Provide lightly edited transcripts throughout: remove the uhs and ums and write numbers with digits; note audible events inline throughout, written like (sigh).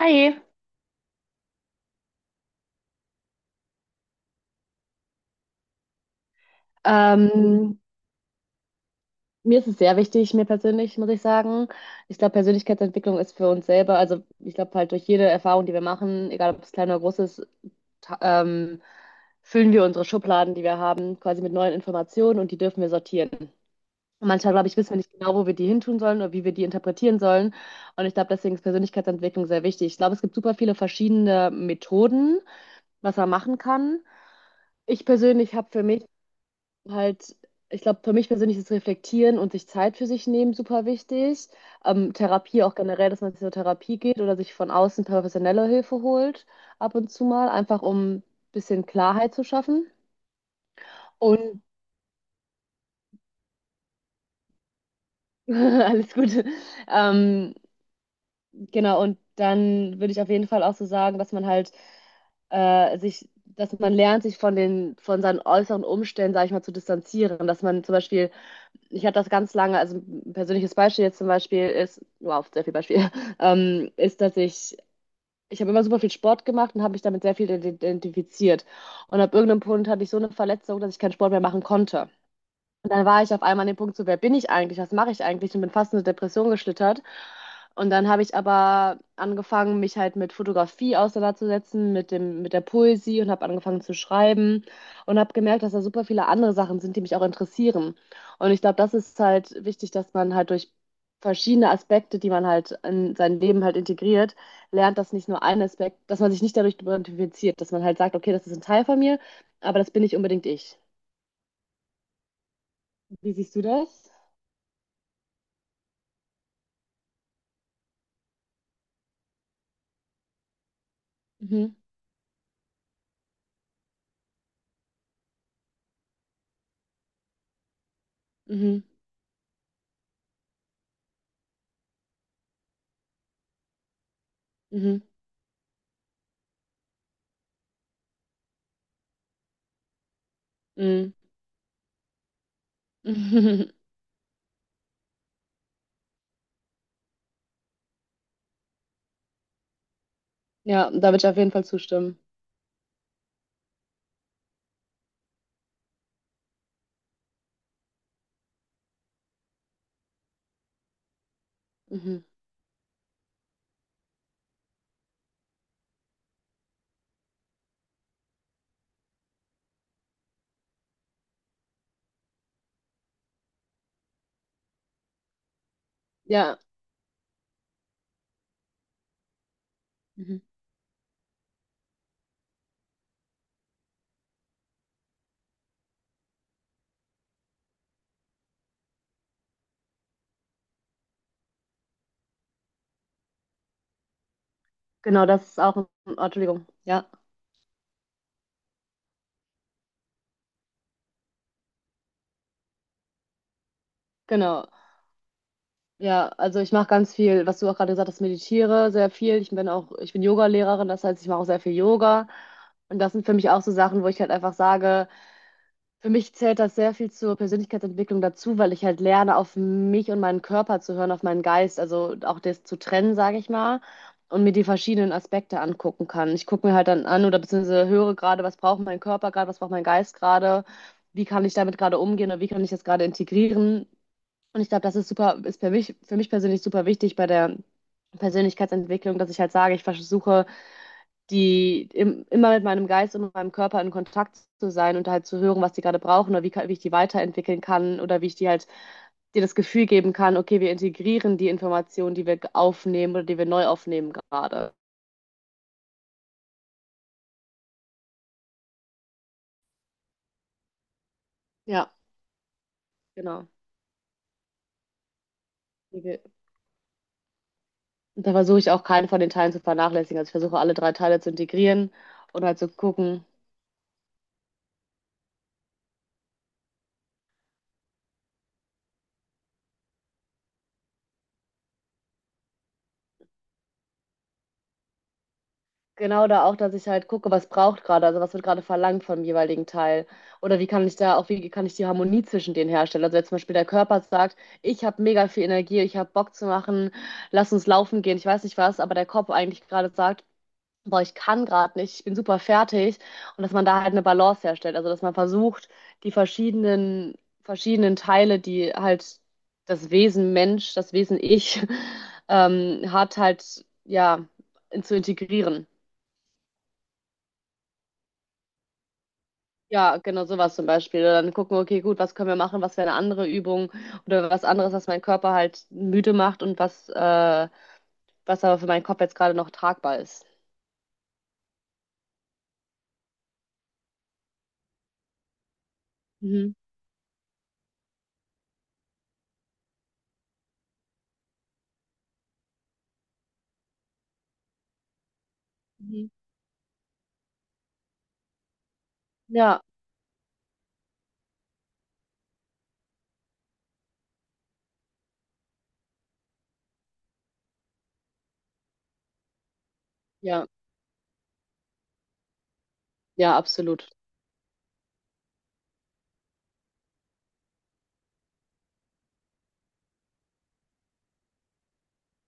Hi, ähm, mir ist es sehr wichtig, mir persönlich, muss ich sagen. Ich glaube, Persönlichkeitsentwicklung ist für uns selber, also ich glaube halt durch jede Erfahrung, die wir machen, egal ob es klein oder groß ist, ta- ähm, füllen wir unsere Schubladen, die wir haben, quasi mit neuen Informationen und die dürfen wir sortieren. Und manchmal, glaube ich, wissen wir nicht genau, wo wir die hintun sollen oder wie wir die interpretieren sollen. Und ich glaube, deswegen ist Persönlichkeitsentwicklung sehr wichtig. Ich glaube, es gibt super viele verschiedene Methoden, was man machen kann. Ich persönlich habe für mich halt, ich glaube, für mich persönlich ist Reflektieren und sich Zeit für sich nehmen super wichtig. Therapie auch generell, dass man zur Therapie geht oder sich von außen professionelle Hilfe holt, ab und zu mal, einfach um ein bisschen Klarheit zu schaffen. Und (laughs) alles Gute. Ähm, genau, und dann würde ich auf jeden Fall auch so sagen, dass man halt dass man lernt, sich von von seinen äußeren Umständen, sag ich mal, zu distanzieren. Dass man zum Beispiel ich hatte das ganz lange, also ein persönliches Beispiel jetzt zum Beispiel ist, wow, sehr viel Beispiel, (laughs) ähm, ist, dass ich, ich habe immer super viel Sport gemacht und habe mich damit sehr viel identifiziert. Und ab irgendeinem Punkt hatte ich so eine Verletzung, dass ich keinen Sport mehr machen konnte. Und dann war ich auf einmal an dem Punkt so, wer bin ich eigentlich? Was mache ich eigentlich? Und bin fast in eine Depression geschlittert. Und dann habe ich aber angefangen, mich halt mit Fotografie auseinanderzusetzen, mit der Poesie und habe angefangen zu schreiben und habe gemerkt, dass da super viele andere Sachen sind, die mich auch interessieren. Und ich glaube, das ist halt wichtig, dass man halt durch verschiedene Aspekte, die man halt in sein Leben halt integriert, lernt, dass nicht nur ein Aspekt, dass man sich nicht dadurch identifiziert, dass man halt sagt, okay, das ist ein Teil von mir, aber das bin nicht unbedingt ich. Wie siehst du das? Mhm. Mhm. Mhm. (laughs) Ja, da würde ich auf jeden Fall zustimmen. Mhm. Ja, mhm. Genau, das ist oh, Entschuldigung, ja, genau. Ja, also ich mache ganz viel, was du auch gerade gesagt hast, meditiere sehr viel. Ich bin Yoga-Lehrerin, das heißt, ich mache auch sehr viel Yoga. Und das sind für mich auch so Sachen, wo ich halt einfach sage, für mich zählt das sehr viel zur Persönlichkeitsentwicklung dazu, weil ich halt lerne, auf mich und meinen Körper zu hören, auf meinen Geist, also auch das zu trennen, sage ich mal, und mir die verschiedenen Aspekte angucken kann. Ich gucke mir halt dann an oder beziehungsweise höre gerade, was braucht mein Körper gerade, was braucht mein Geist gerade, wie kann ich damit gerade umgehen oder wie kann ich das gerade integrieren. Und ich glaube, das ist super, ist für mich persönlich super wichtig bei der Persönlichkeitsentwicklung, dass ich halt sage, ich versuche immer mit meinem Geist und mit meinem Körper in Kontakt zu sein und halt zu hören, was die gerade brauchen oder wie ich die weiterentwickeln kann oder wie ich die halt dir das Gefühl geben kann, okay, wir integrieren die Informationen, die wir aufnehmen oder die wir neu aufnehmen gerade. Ja, genau. Die wir- und Da versuche ich auch keinen von den Teilen zu vernachlässigen. Also ich versuche alle drei Teile zu integrieren und halt zu gucken, genau da auch, dass ich halt gucke, was braucht gerade, also was wird gerade verlangt vom jeweiligen Teil. Oder wie kann ich da auch, wie kann ich die Harmonie zwischen denen herstellen? Also wenn zum Beispiel der Körper sagt, ich habe mega viel Energie, ich habe Bock zu machen, lass uns laufen gehen, ich weiß nicht was, aber der Kopf eigentlich gerade sagt, boah, ich kann gerade nicht, ich bin super fertig. Und dass man da halt eine Balance herstellt. Also dass man versucht, die verschiedenen, verschiedenen Teile, die halt das Wesen Mensch, das Wesen Ich, (laughs) hat halt, ja, zu integrieren. Ja, genau sowas zum Beispiel. Oder dann gucken, okay, gut, was können wir machen? Was wäre eine andere Übung oder was anderes, was meinen Körper halt müde macht und was aber für meinen Kopf jetzt gerade noch tragbar ist. Mhm. Mhm. Ja, ja, ja, absolut.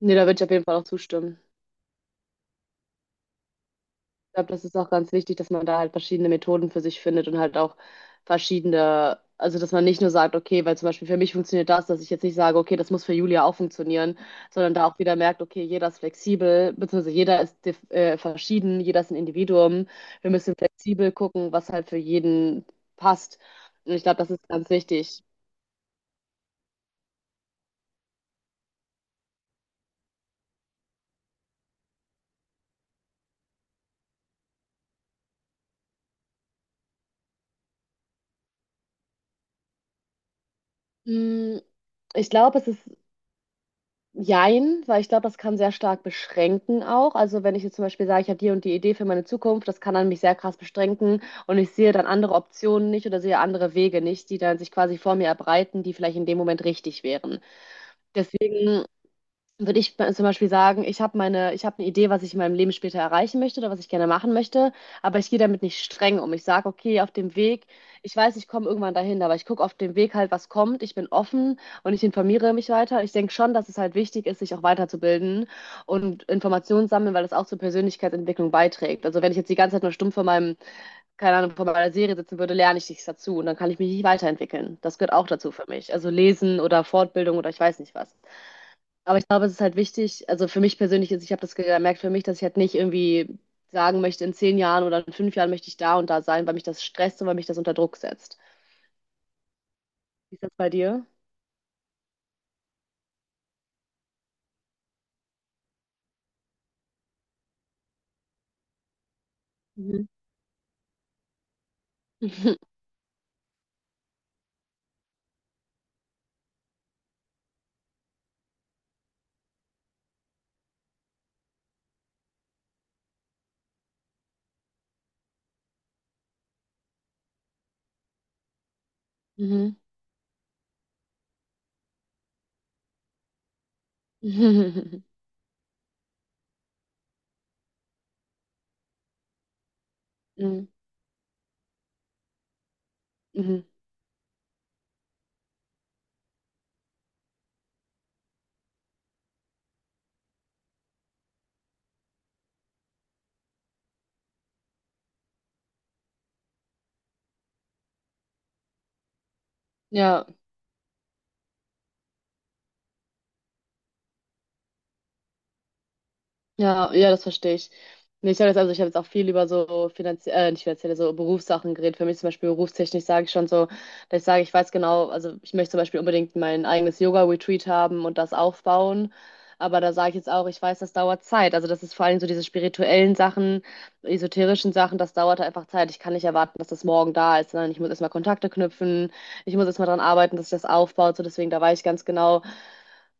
Nee, da würde ich auf jeden Fall auch zustimmen. Ich glaube, das ist auch ganz wichtig, dass man da halt verschiedene Methoden für sich findet und halt auch verschiedene, also dass man nicht nur sagt, okay, weil zum Beispiel für mich funktioniert das, dass ich jetzt nicht sage, okay, das muss für Julia auch funktionieren, sondern da auch wieder merkt, okay, jeder ist flexibel, beziehungsweise jeder ist verschieden, jeder ist ein Individuum. Wir müssen flexibel gucken, was halt für jeden passt. Und ich glaube, das ist ganz wichtig. Mm, Ich glaube, es ist jein, weil ich glaube, das kann sehr stark beschränken auch. Also wenn ich jetzt zum Beispiel sage, ich habe die und die Idee für meine Zukunft, das kann dann mich sehr krass beschränken und ich sehe dann andere Optionen nicht oder sehe andere Wege nicht, die dann sich quasi vor mir erbreiten, die vielleicht in dem Moment richtig wären. Deswegen würde ich zum Beispiel sagen, ich habe eine Idee, was ich in meinem Leben später erreichen möchte oder was ich gerne machen möchte, aber ich gehe damit nicht streng um. Ich sage, okay, auf dem Weg, ich weiß, ich komme irgendwann dahin, aber ich gucke auf dem Weg halt, was kommt. Ich bin offen und ich informiere mich weiter. Ich denke schon, dass es halt wichtig ist, sich auch weiterzubilden und Informationen sammeln, weil das auch zur Persönlichkeitsentwicklung beiträgt. Also wenn ich jetzt die ganze Zeit nur stumpf keine Ahnung, vor meiner Serie sitzen würde, lerne ich nichts dazu und dann kann ich mich nicht weiterentwickeln. Das gehört auch dazu für mich. Also lesen oder Fortbildung oder ich weiß nicht was. Aber ich glaube, es ist halt wichtig, also für mich persönlich ist, ich habe das gemerkt für mich, dass ich halt nicht irgendwie sagen möchte, in 10 Jahren oder in 5 Jahren möchte ich da und da sein, weil mich das stresst und weil mich das unter Druck setzt. Wie ist das bei dir? Mhm. (laughs) Mhm. (laughs) Mhm. Mhm. Mhm. Ja. Ja, das verstehe ich. Nee, ich sage jetzt also, ich habe jetzt auch viel über so nicht finanzielle, so Berufssachen geredet. Für mich zum Beispiel berufstechnisch sage ich schon so, dass ich sage, ich weiß genau, also ich möchte zum Beispiel unbedingt mein eigenes Yoga-Retreat haben und das aufbauen. Aber da sage ich jetzt auch, ich weiß, das dauert Zeit. Also das ist vor allem so diese spirituellen Sachen, esoterischen Sachen, das dauert einfach Zeit. Ich kann nicht erwarten, dass das morgen da ist, sondern ich muss erstmal Kontakte knüpfen, ich muss erstmal dran arbeiten, dass ich das aufbaut. So deswegen, da weiß ich ganz genau.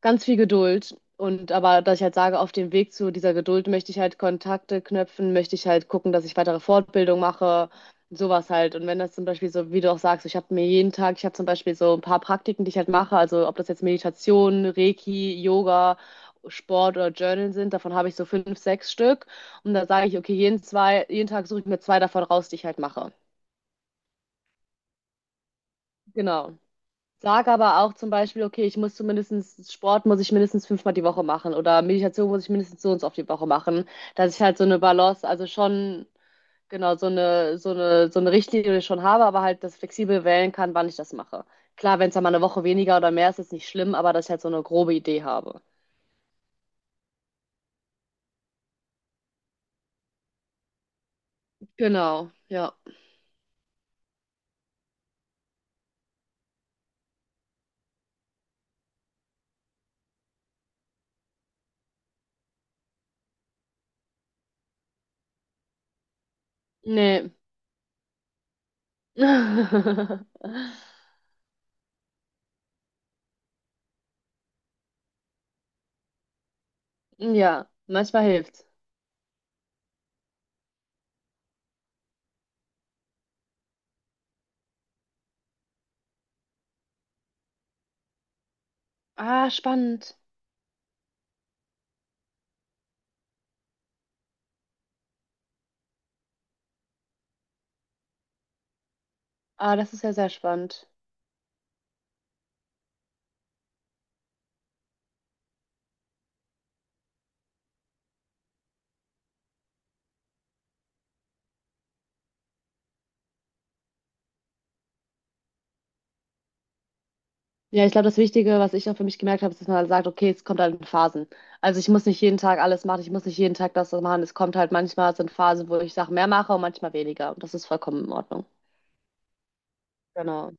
Ganz viel Geduld. Und aber, dass ich halt sage, auf dem Weg zu dieser Geduld möchte ich halt Kontakte knüpfen, möchte ich halt gucken, dass ich weitere Fortbildung mache, sowas halt. Und wenn das zum Beispiel so, wie du auch sagst, ich habe mir jeden Tag, ich habe zum Beispiel so ein paar Praktiken, die ich halt mache, also ob das jetzt Meditation, Reiki, Yoga, Sport oder Journal sind, davon habe ich so fünf, sechs Stück. Und da sage ich, okay, jeden Tag suche ich mir zwei davon raus, die ich halt mache. Genau. Sag aber auch zum Beispiel, okay, ich muss zumindest Sport muss ich mindestens 5-mal die Woche machen oder Meditation muss ich mindestens so und so oft die Woche machen, dass ich halt so eine Balance, also schon genau so eine Richtlinie schon habe, aber halt das flexibel wählen kann, wann ich das mache. Klar, wenn es dann mal eine Woche weniger oder mehr ist, ist nicht schlimm, aber dass ich halt so eine grobe Idee habe. Genau, ja. Nee. (laughs) Ja, manchmal hilft. Ah, spannend. Ah, das ist ja sehr spannend. Ja, ich glaube, das Wichtige, was ich auch für mich gemerkt habe, ist, dass man halt sagt, okay, es kommt halt in Phasen. Also ich muss nicht jeden Tag alles machen, ich muss nicht jeden Tag das machen. Es kommt halt manchmal, es sind Phasen, wo ich Sachen mehr mache und manchmal weniger. Und das ist vollkommen in Ordnung. Genau.